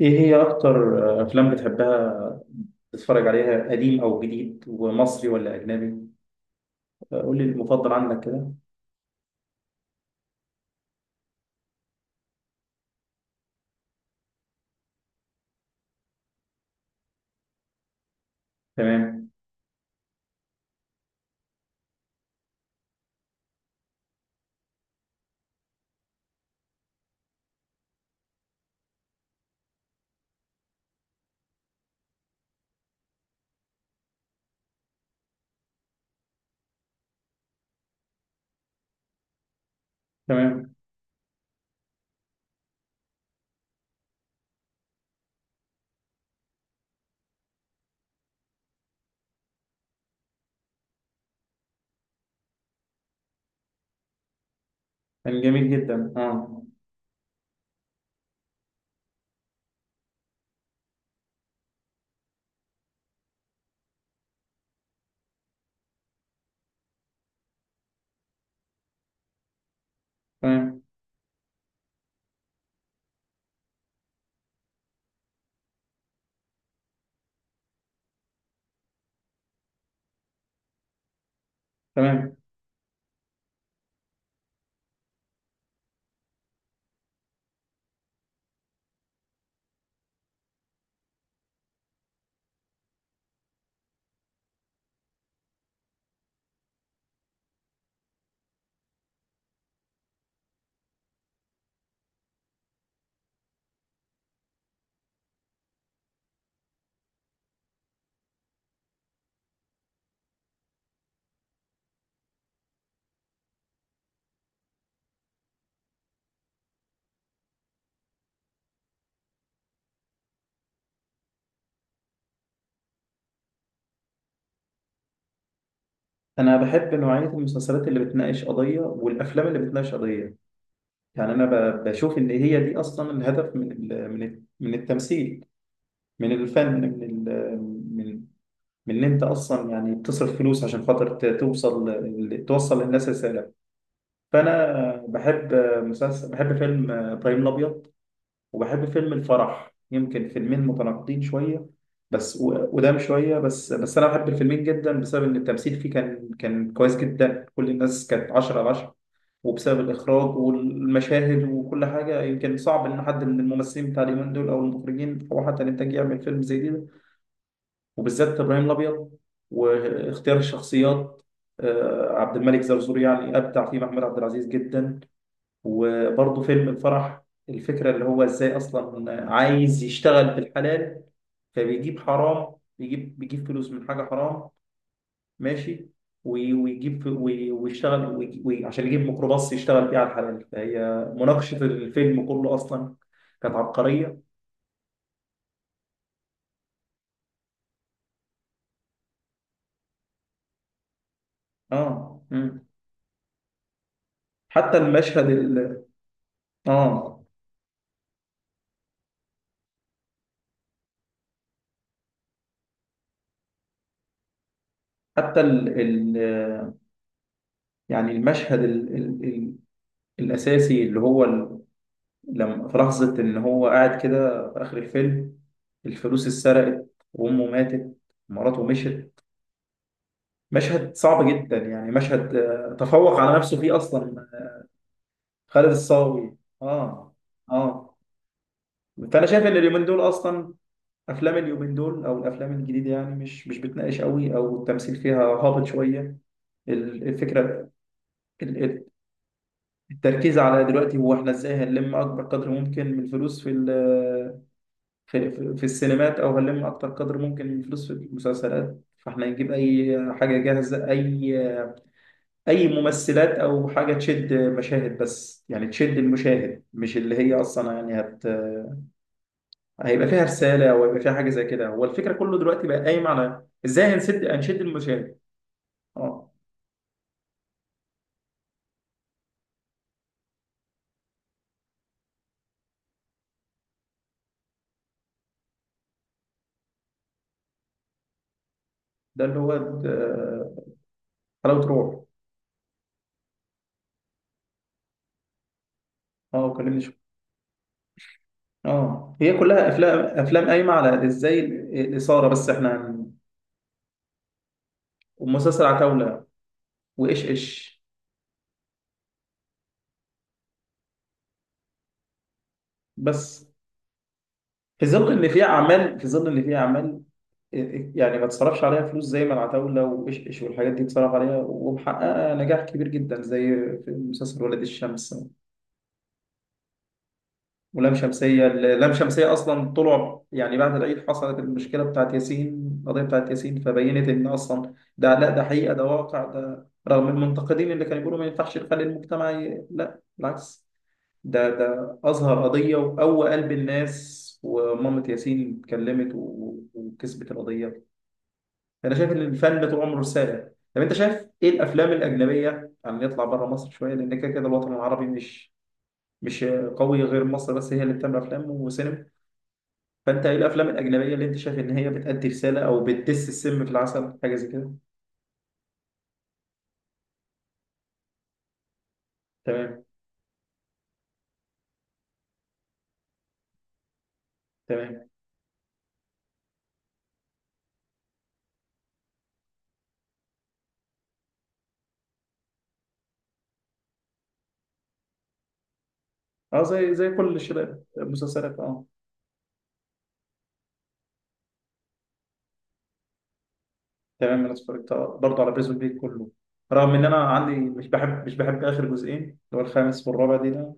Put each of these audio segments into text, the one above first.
ايه هي اكتر افلام بتحبها تتفرج عليها؟ قديم او جديد؟ ومصري ولا اجنبي؟ قول لي المفضل عندك كده. تمام. تمام. كان جميل جدا. اه، تمام. تمام. انا بحب نوعية المسلسلات اللي بتناقش قضية، والافلام اللي بتناقش قضية. يعني انا بشوف ان هي دي اصلا الهدف من التمثيل، من الفن، من من ان انت اصلا يعني بتصرف فلوس عشان خاطر توصل توصل للناس رسالة. فانا بحب مسلسل، بحب فيلم ابراهيم الابيض، وبحب فيلم الفرح. يمكن فيلمين متناقضين شويه، بس وقدام شويه، بس بس انا بحب الفيلمين جدا بسبب ان التمثيل فيه كان كويس جدا. كل الناس كانت 10 على 10، وبسبب الاخراج والمشاهد وكل حاجه. يمكن صعب ان حد من الممثلين بتاع اليومين دول او المخرجين او حتى الانتاج يعمل فيلم زي ده، وبالذات ابراهيم الابيض واختيار الشخصيات. عبد الملك زرزور يعني ابدع فيه محمود عبد العزيز جدا. وبرضه فيلم الفرح، الفكرة اللي هو ازاي اصلا عايز يشتغل بالحلال، فبيجيب حرام، بيجيب فلوس من حاجة حرام. ماشي. ويجيب ويشتغل عشان يجيب ميكروباص يشتغل بيه على الحلال، فهي مناقشة الفيلم كله اصلا كانت عبقرية. اه. مم. حتى المشهد اه، حتى ال... يعني المشهد الاساسي اللي هو لما في لحظة إن هو قاعد كده في آخر الفيلم، الفلوس اتسرقت، وأمه ماتت، مراته مشت. مشهد صعب جدا، يعني مشهد تفوق على نفسه فيه أصلا. خالد الصاوي. آه. آه. فأنا شايف إن اليومين دول أصلا، أفلام اليومين دول أو الأفلام الجديدة، يعني مش بتناقش قوي، أو التمثيل فيها هابط شوية. الفكرة، ال- ال- التركيز على دلوقتي هو إحنا إزاي هنلم أكبر قدر ممكن من الفلوس في السينمات، او هنلم اكتر قدر ممكن من فلوس في المسلسلات. فاحنا نجيب اي حاجه جاهزه، اي ممثلات او حاجه تشد مشاهد، بس يعني تشد المشاهد، مش اللي هي اصلا يعني هيبقى فيها رساله او هيبقى فيها حاجه زي كده. هو الفكره كله دلوقتي بقى قايم على ازاي هنشد المشاهد. اه، ده اللي هو حلاوه روح. اه، كلمني شويه. اه، هي كلها افلام افلام قايمه على ازاي الاثاره. بس احنا ومسلسل عتاوله وايش ايش. بس في ظل ان في اعمال، يعني ما تصرفش عليها فلوس زي ما العتاولة وإشش والحاجات دي اتصرف عليها، ومحققة نجاح كبير جدا، زي في مسلسل ولاد الشمس. ولام شمسية لام شمسية أصلا طلع، يعني بعد العيد حصلت المشكلة بتاعت ياسين، القضية بتاعت ياسين، فبينت إن أصلا ده. لا، ده حقيقة، ده واقع ده، رغم المنتقدين اللي كانوا بيقولوا ما ينفعش نخلي المجتمع لا بالعكس. ده أظهر قضية وقوى قلب الناس، ومامة ياسين اتكلمت وكسبت القضية. أنا شايف إن الفن طول عمره رسالة. طب أنت شايف إيه الأفلام الأجنبية؟ يعني نطلع بره مصر شوية، لأن كده كده الوطن العربي مش قوي غير مصر، بس هي اللي بتعمل أفلام وسينما. فأنت إيه الأفلام الأجنبية اللي أنت شايف إن هي بتأدي رسالة أو بتدس السم في العسل حاجة زي كده؟ تمام. تمام. أه، زي كل الشباب، مسلسلات. أه. تمام، انا اتفرجت برضه على بريزون بيك كله، رغم ان انا عندي مش بحب اخر جزئين اللي هو الخامس والرابع دي ده.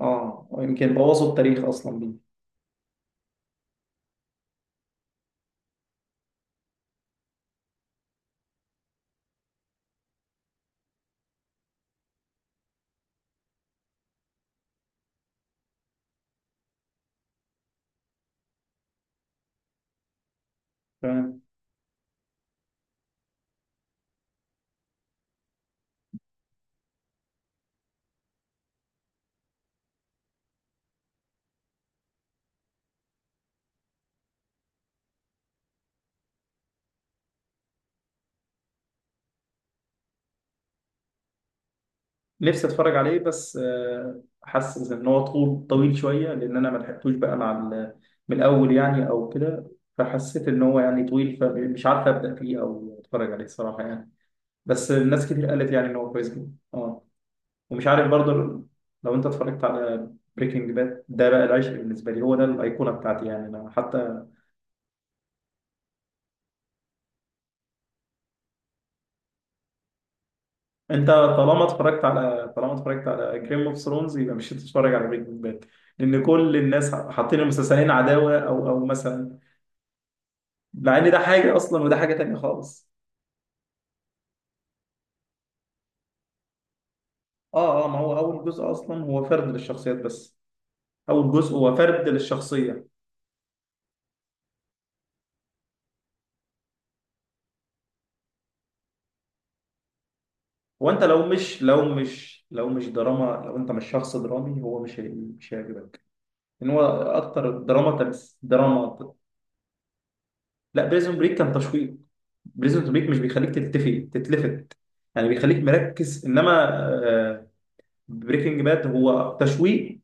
اه، يمكن بوظوا التاريخ اصلا بيه. تمام، نفسي اتفرج عليه، بس حاسس ان هو طويل شويه، لان انا ما لحقتوش بقى مع من الاول يعني او كده، فحسيت ان هو يعني طويل، فمش عارف ابدا فيه او اتفرج عليه الصراحه يعني. بس الناس كتير قالت يعني ان هو كويس جدا. اه. ومش عارف برضه. لو انت اتفرجت على بريكنج باد، ده بقى العشق بالنسبه لي، هو ده الايقونه بتاعتي، يعني انا حتى. انت طالما اتفرجت على جيم اوف ثرونز، يبقى مش هتتفرج على بريكنج باد، لان كل الناس حاطين المسلسلين عداوه، او مثلا، مع ان ده حاجه اصلا وده حاجه تانيه خالص. اه، اه، ما هو اول جزء اصلا هو فرد للشخصيات بس، اول جزء هو فرد للشخصيه. وانت لو مش دراما، لو انت مش شخص درامي، هو مش هيعجبك. ان هو اكتر دراما تمس دراما. لا، بريزون بريك كان تشويق. بريزون بريك مش بيخليك تتلفت، يعني بيخليك مركز. انما بريكنج باد هو تشويق،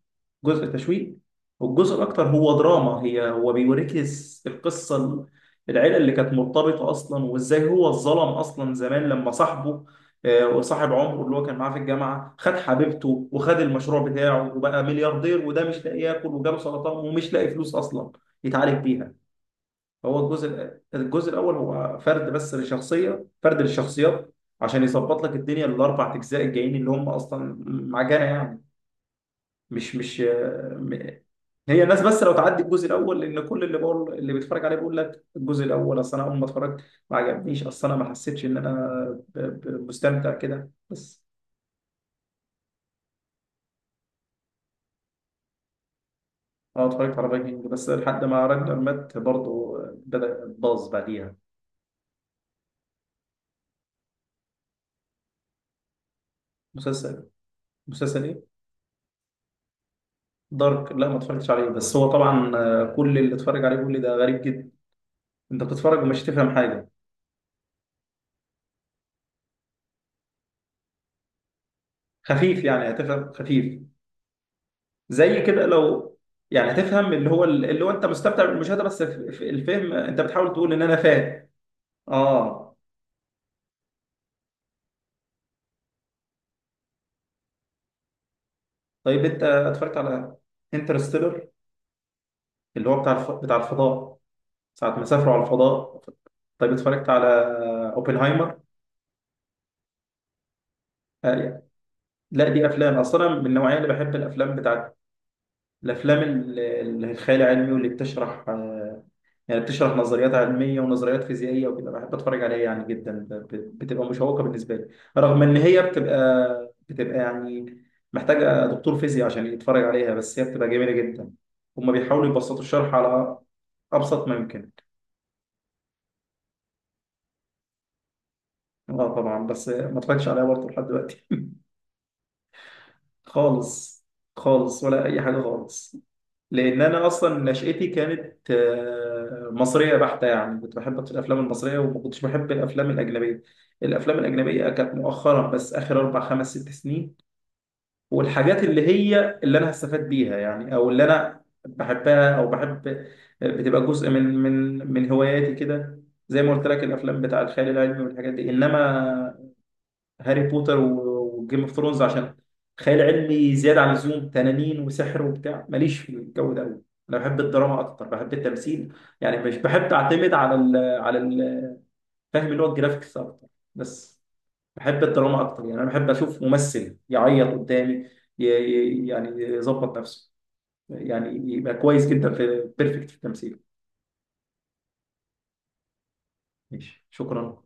جزء تشويق، والجزء الاكتر هو دراما. هو بيوريك القصه العيله اللي كانت مرتبطه اصلا، وازاي هو اتظلم اصلا زمان لما صاحبه، وصاحب عمره اللي هو كان معاه في الجامعه خد حبيبته وخد المشروع بتاعه وبقى ملياردير، وده مش لاقي ياكل وجاله سرطان ومش لاقي فلوس اصلا يتعالج بيها. هو الجزء الاول هو فرد بس لشخصيه، فرد للشخصيات، عشان يظبط لك الدنيا الاربع اجزاء الجايين اللي هم اصلا معجنه يعني. مش مش م- هي الناس بس لو تعدي الجزء الاول، لان كل اللي بقول، اللي بيتفرج عليه بيقول لك الجزء الاول. اصل انا اول ما اتفرجت ما عجبنيش، اصل انا ما حسيتش ان انا مستمتع كده بس. انا اتفرجت على فايكنج بس لحد ما راجنر مات، برضه بدأ باظ بعديها. مسلسل مسلسل ايه؟ دارك؟ لا، ما اتفرجتش عليه، بس هو طبعا كل اللي اتفرج عليه بيقول لي ده غريب جدا، انت بتتفرج ومش هتفهم حاجه. خفيف يعني، هتفهم خفيف، زي كده لو يعني هتفهم، اللي هو انت مستمتع بالمشاهده، بس في الفهم انت بتحاول تقول ان انا فاهم. اه. طيب انت اتفرجت على انترستيلر، اللي هو بتاع الفضاء، ساعه ما سافروا على الفضاء؟ طيب اتفرجت على اوبنهايمر؟ آه، يعني. لا، دي افلام اصلا من النوعيه اللي بحب، الافلام بتاعت الافلام الخيال العلمي، واللي بتشرح يعني بتشرح نظريات علمية ونظريات فيزيائية وكده، بحب أتفرج عليها يعني جدا، بتبقى مشوقة بالنسبة لي. رغم إن هي بتبقى، يعني محتاجة دكتور فيزياء عشان يتفرج عليها، بس هي بتبقى جميلة جدا. هما بيحاولوا يبسطوا الشرح على أبسط ما يمكن. اه، طبعا، بس ما اتفرجتش عليها برضه لحد دلوقتي. خالص. خالص ولا اي حاجه خالص. لان انا اصلا نشأتي كانت مصريه بحته، يعني كنت بحب أكتر الافلام المصريه وما كنتش بحب الافلام الاجنبيه. الافلام الاجنبيه كانت مؤخرا، بس اخر 4 5 6 سنين، والحاجات اللي هي اللي انا هستفاد بيها يعني، او اللي انا بحبها او بحب، بتبقى جزء من هواياتي كده، زي ما قلت لك، الافلام بتاع الخيال العلمي والحاجات دي. انما هاري بوتر وجيم اوف ثرونز، عشان خيال علمي زياده عن اللزوم، تنانين وسحر وبتاع، ماليش في الجو ده قوي. انا بحب الدراما اكتر، بحب التمثيل، يعني مش بحب اعتمد فاهم اللي هو الجرافيكس اكتر بس. بحب الدراما اكتر، يعني انا بحب اشوف ممثل يعيط قدامي، يعني يظبط نفسه، يعني يبقى كويس جدا، في بيرفكت في التمثيل. ماشي، شكرا.